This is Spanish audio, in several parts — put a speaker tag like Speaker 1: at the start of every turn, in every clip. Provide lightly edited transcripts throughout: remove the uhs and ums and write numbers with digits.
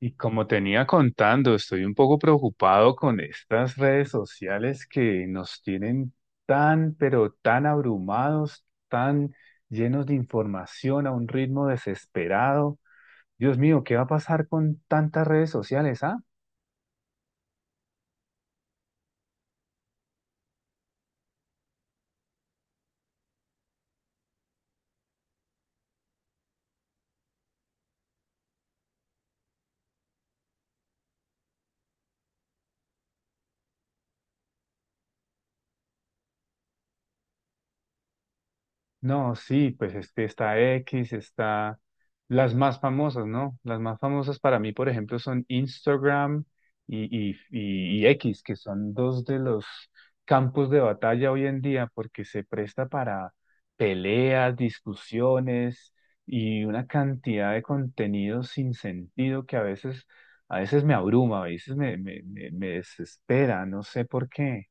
Speaker 1: Y como tenía contando, estoy un poco preocupado con estas redes sociales que nos tienen tan, pero tan abrumados, tan llenos de información a un ritmo desesperado. Dios mío, ¿qué va a pasar con tantas redes sociales, No, sí, pues este está X, está las más famosas, ¿no? Las más famosas para mí, por ejemplo, son Instagram y X, que son dos de los campos de batalla hoy en día, porque se presta para peleas, discusiones y una cantidad de contenido sin sentido que a veces me abruma, a veces me desespera, no sé por qué.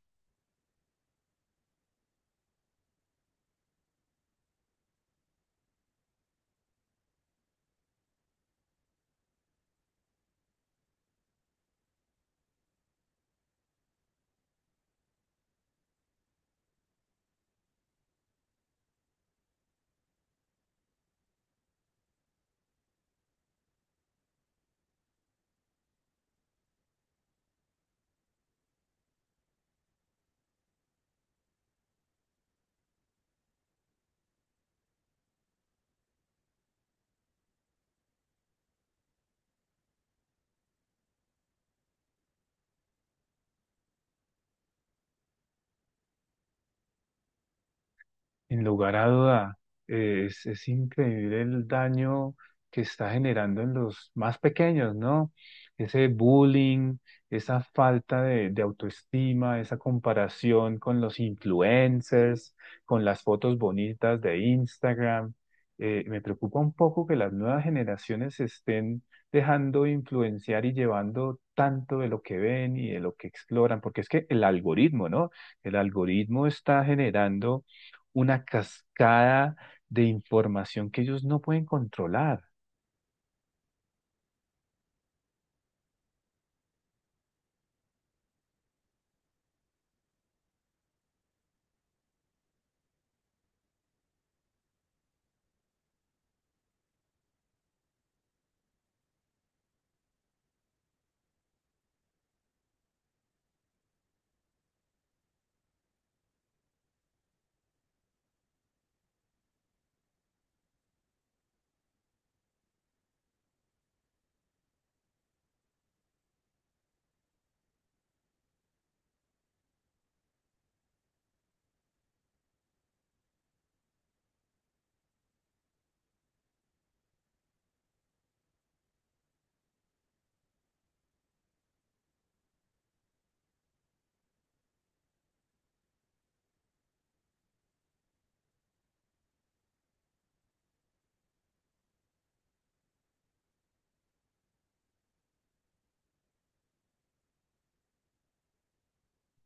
Speaker 1: Sin lugar a duda, es increíble el daño que está generando en los más pequeños, ¿no? Ese bullying, esa falta de autoestima, esa comparación con los influencers, con las fotos bonitas de Instagram. Me preocupa un poco que las nuevas generaciones se estén dejando influenciar y llevando tanto de lo que ven y de lo que exploran, porque es que el algoritmo, ¿no? El algoritmo está generando una cascada de información que ellos no pueden controlar.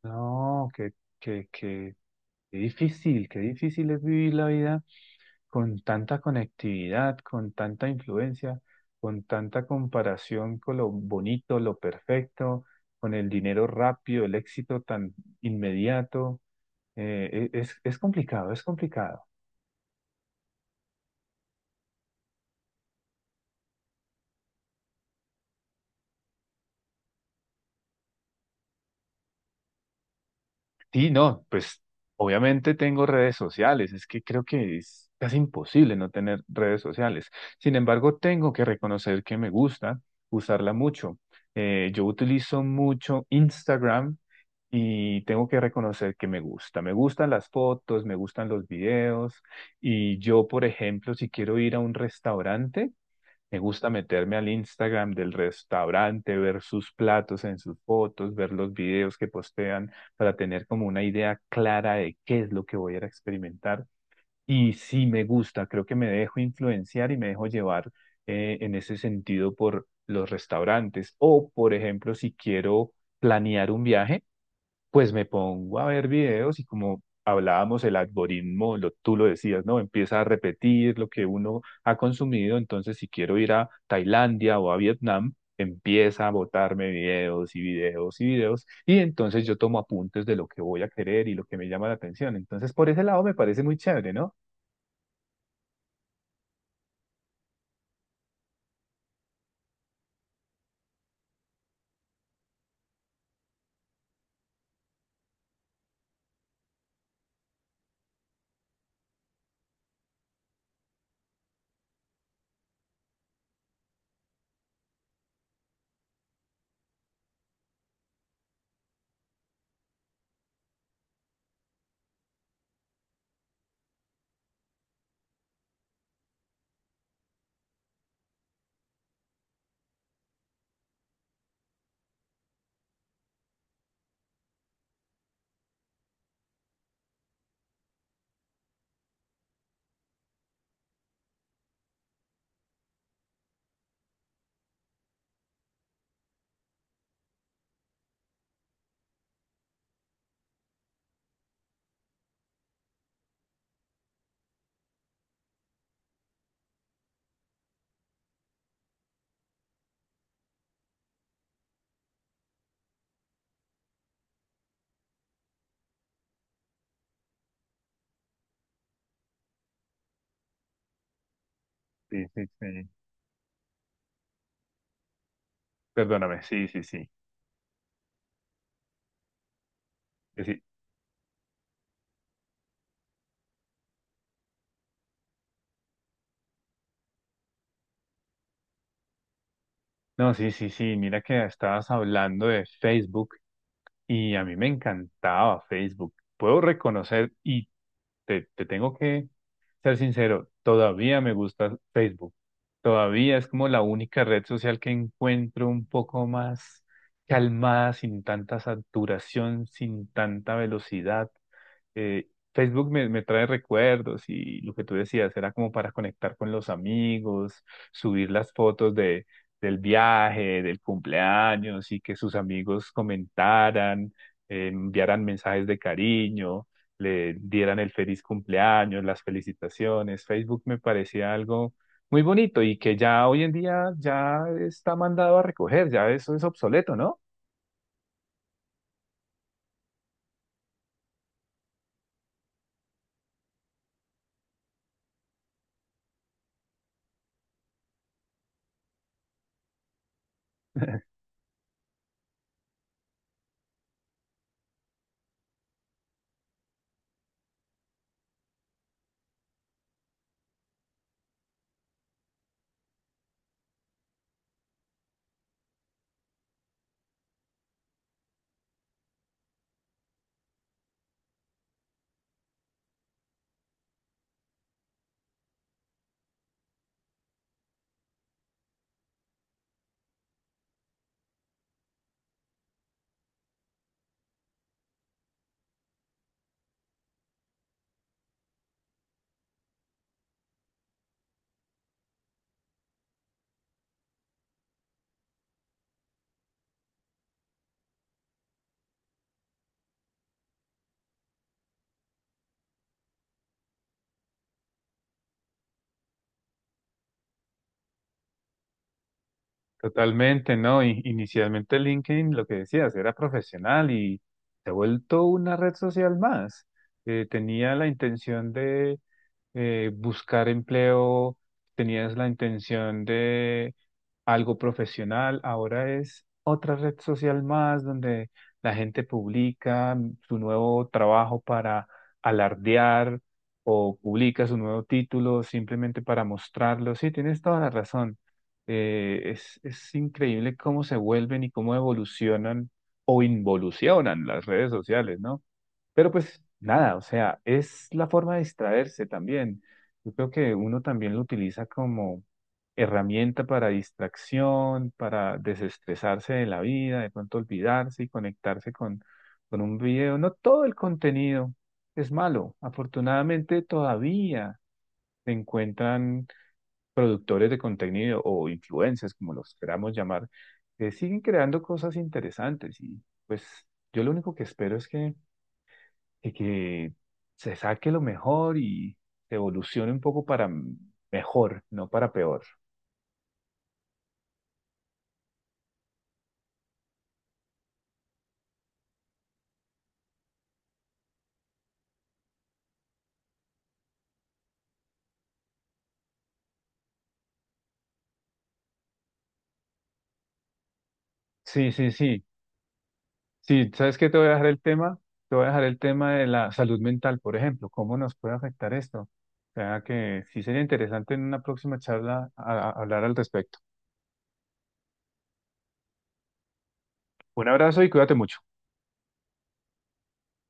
Speaker 1: No, qué, qué, qué, qué difícil es vivir la vida con tanta conectividad, con tanta influencia, con tanta comparación con lo bonito, lo perfecto, con el dinero rápido, el éxito tan inmediato. Es complicado, es complicado. Sí, no, pues obviamente tengo redes sociales, es que creo que es casi imposible no tener redes sociales. Sin embargo, tengo que reconocer que me gusta usarla mucho. Yo utilizo mucho Instagram y tengo que reconocer que me gusta. Me gustan las fotos, me gustan los videos y yo, por ejemplo, si quiero ir a un restaurante, me gusta meterme al Instagram del restaurante, ver sus platos en sus fotos, ver los videos que postean para tener como una idea clara de qué es lo que voy a ir a experimentar. Y sí me gusta, creo que me dejo influenciar y me dejo llevar en ese sentido por los restaurantes. O, por ejemplo, si quiero planear un viaje. Pues me pongo a ver videos y como hablábamos, el algoritmo, tú lo decías, ¿no? Empieza a repetir lo que uno ha consumido, entonces si quiero ir a Tailandia o a Vietnam, empieza a botarme videos y videos y videos y entonces yo tomo apuntes de lo que voy a querer y lo que me llama la atención. Entonces por ese lado me parece muy chévere, ¿no? Sí, sí, sí. Perdóname, sí, sí, sí. Que sí. No, sí, sí, sí, mira que estabas hablando de Facebook y a mí me encantaba Facebook. Puedo reconocer y te tengo que ser sincero, todavía me gusta Facebook. Todavía es como la única red social que encuentro un poco más calmada, sin tanta saturación, sin tanta velocidad, eh, Facebook me trae recuerdos y lo que tú decías era como para conectar con los amigos, subir las fotos del viaje, del cumpleaños y que sus amigos comentaran, enviaran mensajes de cariño, le dieran el feliz cumpleaños, las felicitaciones. Facebook me parecía algo muy bonito y que ya hoy en día ya está mandado a recoger, ya eso es obsoleto, ¿no? Totalmente, ¿no? Inicialmente LinkedIn, lo que decías, era profesional y se ha vuelto una red social más. Tenía la intención de buscar empleo, tenías la intención de algo profesional, ahora es otra red social más donde la gente publica su nuevo trabajo para alardear o publica su nuevo título simplemente para mostrarlo. Sí, tienes toda la razón. Es increíble cómo se vuelven y cómo evolucionan o involucionan las redes sociales, ¿no? Pero pues nada, o sea, es la forma de distraerse también. Yo creo que uno también lo utiliza como herramienta para distracción, para desestresarse de la vida, de pronto olvidarse y conectarse con un video. No todo el contenido es malo. Afortunadamente todavía se encuentran productores de contenido o influencers, como los queramos llamar, que siguen creando cosas interesantes y pues yo lo único que espero es que de que se saque lo mejor y se evolucione un poco para mejor, no para peor. Sí, sí, sí. Sí, ¿sabes qué? Te voy a dejar el tema de la salud mental, por ejemplo, cómo nos puede afectar esto. O sea que sí sería interesante en una próxima charla hablar al respecto. Un abrazo y cuídate mucho.